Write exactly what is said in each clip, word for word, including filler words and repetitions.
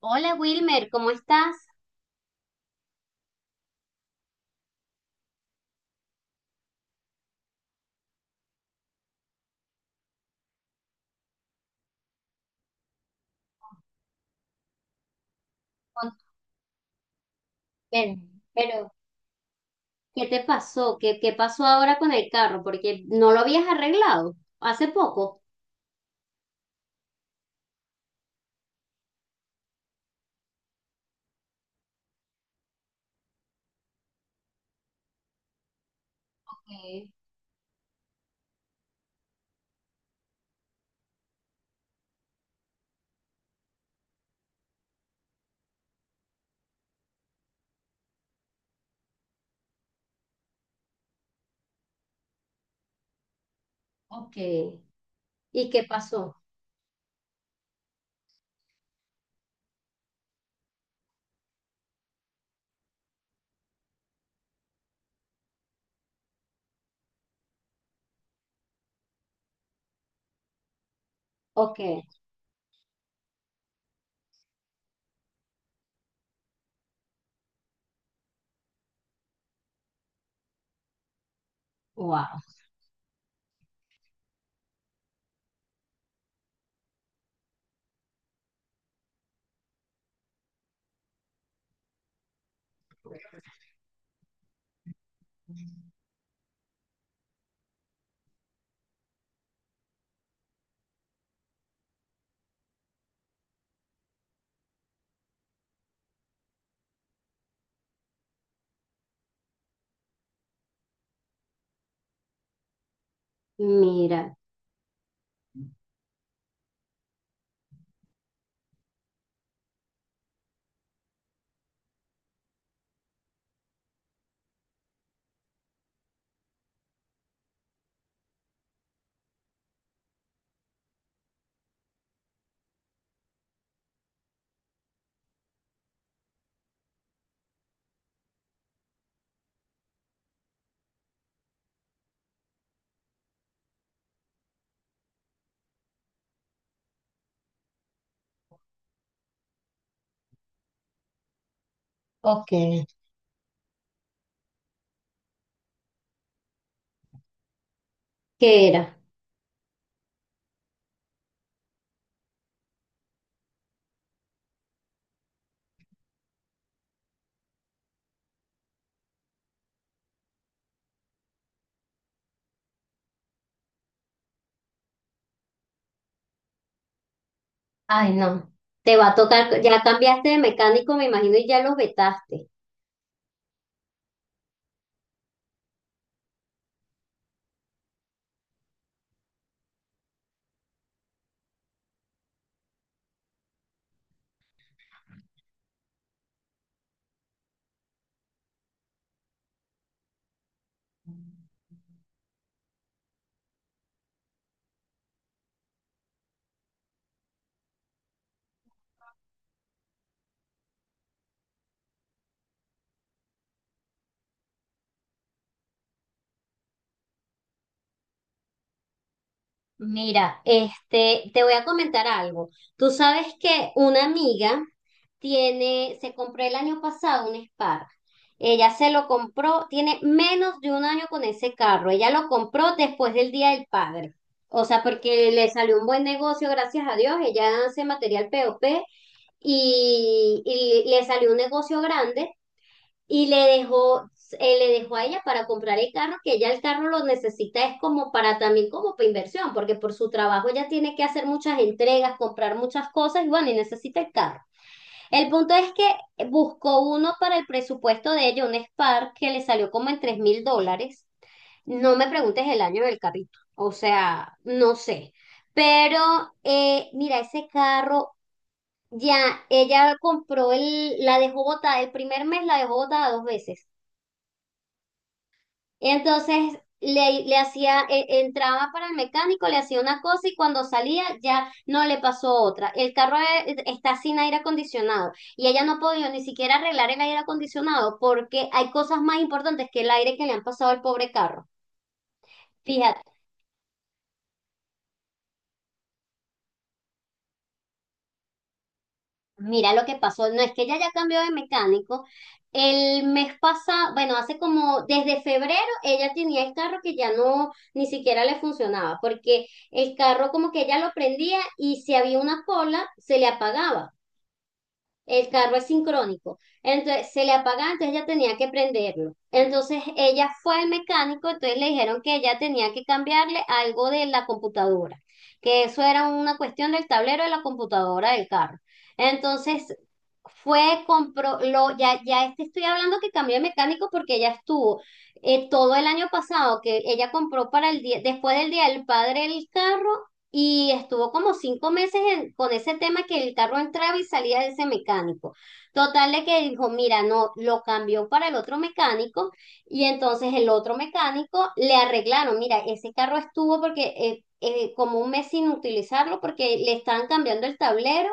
Hola Wilmer, ¿cómo estás? Con- Pero, pero, ¿qué te pasó? ¿Qué, qué pasó ahora con el carro? Porque no lo habías arreglado hace poco. Ok. Ok. ¿Y qué pasó? Ok. Wow. Mira. Ok. ¿Qué era? Ay, no. Te va a tocar, ya cambiaste de mecánico, me imagino, y ya los vetaste. Mira, este, te voy a comentar algo. Tú sabes que una amiga tiene, se compró el año pasado un Spark. Ella se lo compró, tiene menos de un año con ese carro. Ella lo compró después del Día del Padre. O sea, porque le salió un buen negocio, gracias a Dios. Ella hace material P O P y, y le salió un negocio grande y le dejó, eh, le dejó a ella para comprar el carro, que ella el carro lo necesita, es como para también como para inversión, porque por su trabajo ella tiene que hacer muchas entregas, comprar muchas cosas y bueno, y necesita el carro. El punto es que buscó uno para el presupuesto de ella, un Spark que le salió como en tres mil dólares. No me preguntes el año del carrito, o sea, no sé. Pero eh, mira, ese carro ya, ella compró el, la dejó botada, el primer mes la dejó botada dos veces. Entonces le, le hacía, e- entraba para el mecánico, le hacía una cosa y cuando salía ya no le pasó otra. El carro eh, está sin aire acondicionado y ella no ha podido ni siquiera arreglar el aire acondicionado porque hay cosas más importantes que el aire que le han pasado al pobre carro. Fíjate. Mira lo que pasó, no es que ella ya cambió de mecánico. El mes pasado, bueno, hace como desde febrero ella tenía el carro que ya no ni siquiera le funcionaba, porque el carro como que ella lo prendía y si había una cola se le apagaba. El carro es sincrónico. Entonces se le apagaba, entonces ella tenía que prenderlo. Entonces ella fue al mecánico, entonces le dijeron que ella tenía que cambiarle algo de la computadora, que eso era una cuestión del tablero de la computadora del carro. Entonces fue, compró, lo, ya, ya este estoy hablando que cambió de mecánico porque ella estuvo eh, todo el año pasado, que ella compró para el día, después del Día del Padre el carro y estuvo como cinco meses en- con ese tema que el carro entraba y salía de ese mecánico. Total de que dijo, mira, no, lo cambió para el otro mecánico y entonces el otro mecánico le arreglaron, mira, ese carro estuvo porque eh, eh, como un mes sin utilizarlo porque le estaban cambiando el tablero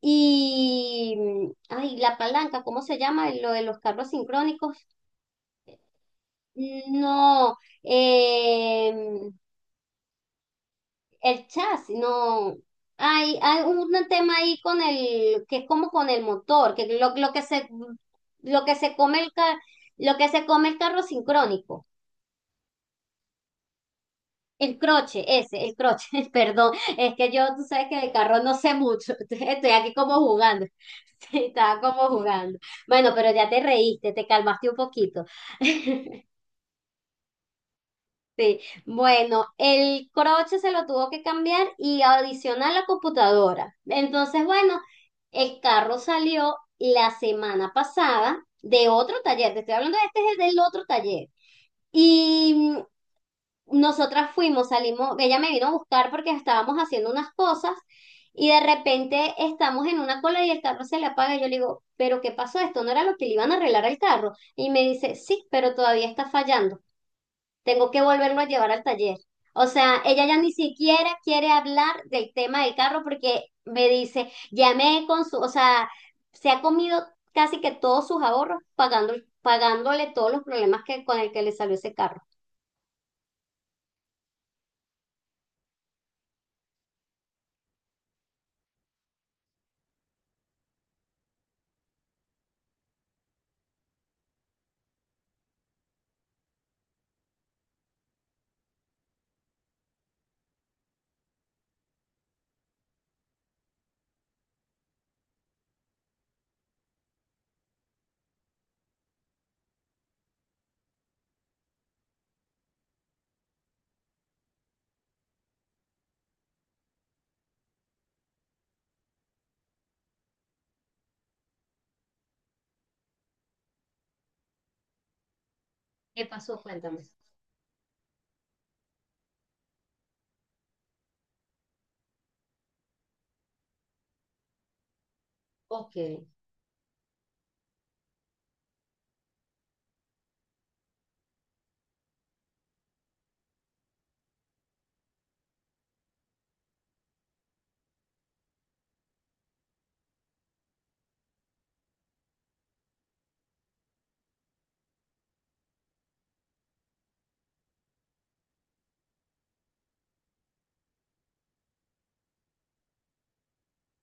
y, mm, ay, la palanca, ¿cómo se llama? Lo de los carros sincrónicos. No, em, el chasis, no. Hay, hay un tema ahí con el, que es como con el motor, que lo, lo que se, lo que se come el ca- lo que se come el carro sincrónico. El croche, ese, el croche, perdón. Es que yo, tú sabes que el carro no sé mucho. Estoy aquí como jugando. Sí, estaba como jugando. Bueno, pero ya te reíste, te calmaste un poquito. Sí, bueno, el croche se lo tuvo que cambiar y adicionar la computadora. Entonces, bueno, el carro salió la semana pasada de otro taller, te estoy hablando de este, es el del otro taller. Y mm, nosotras fuimos, salimos, ella me vino a buscar porque estábamos haciendo unas cosas y de repente estamos en una cola y el carro se le apaga. Y yo le digo, ¿pero qué pasó? Esto no era lo que le iban a arreglar al carro. Y me dice, sí, pero todavía está fallando. Tengo que volverlo a llevar al taller. O sea, ella ya ni siquiera quiere hablar del tema del carro porque me dice, llamé con su, o sea, se ha comido casi que todos sus ahorros pagando, pagándole todos los problemas que, con el que le salió ese carro.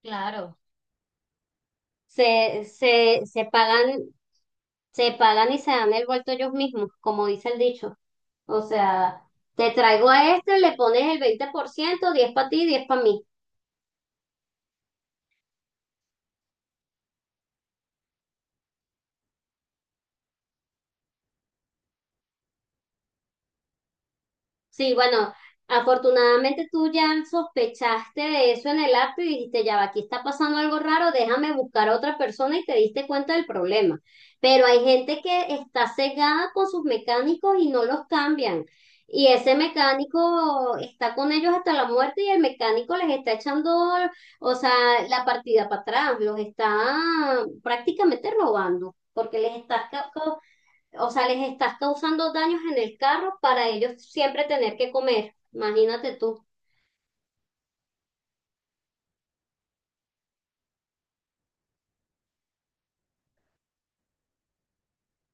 Claro. Se, se, se pagan, se pagan y se dan el vuelto ellos mismos, como dice el dicho. O sea, te traigo a este, le pones el veinte por ciento, diez para ti, diez para mí. Sí, bueno, afortunadamente tú ya sospechaste de eso en el app y dijiste, ya va, aquí está pasando algo raro, déjame buscar a otra persona y te diste cuenta del problema. Pero hay gente que está cegada con sus mecánicos y no los cambian. Y ese mecánico está con ellos hasta la muerte y el mecánico les está echando, o sea, la partida para atrás, los está prácticamente robando, porque les está ca- o sea, les estás causando daños en el carro para ellos siempre tener que comer. Imagínate tú.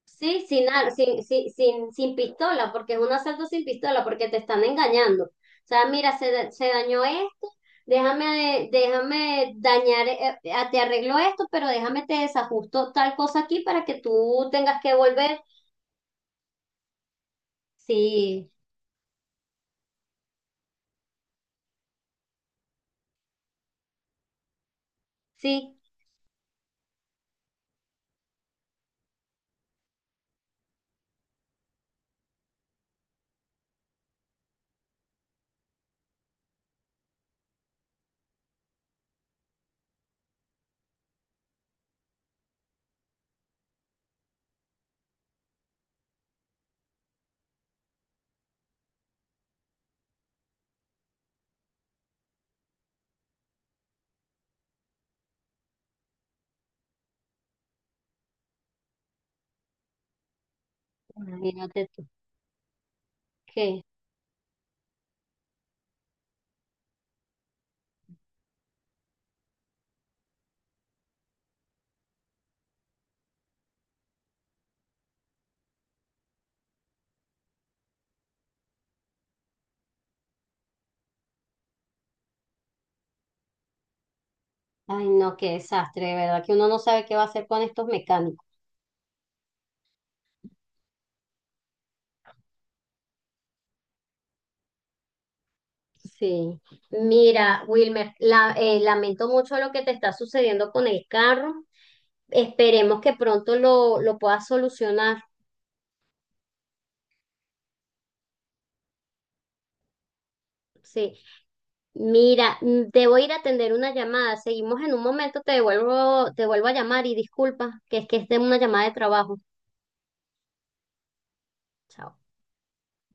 Sí, sin, ar- sin, sin, sin, sin pistola, porque es un asalto sin pistola, porque te están engañando. O sea, mira, se, da- se dañó esto, déjame, déjame dañar, eh, eh, te arreglo esto, pero déjame te desajusto tal cosa aquí para que tú tengas que volver. Sí, sí, imagínate tú. ¿Qué? Ay, no, qué desastre, de verdad, que uno no sabe qué va a hacer con estos mecánicos. Sí, mira, Wilmer, la- eh, lamento mucho lo que te está sucediendo con el carro. Esperemos que pronto lo, lo puedas solucionar. Sí, mira, mm, debo ir a atender una llamada. Seguimos en un momento, te devuelvo, te vuelvo a llamar y disculpa, que es que es de una llamada de trabajo. Chao.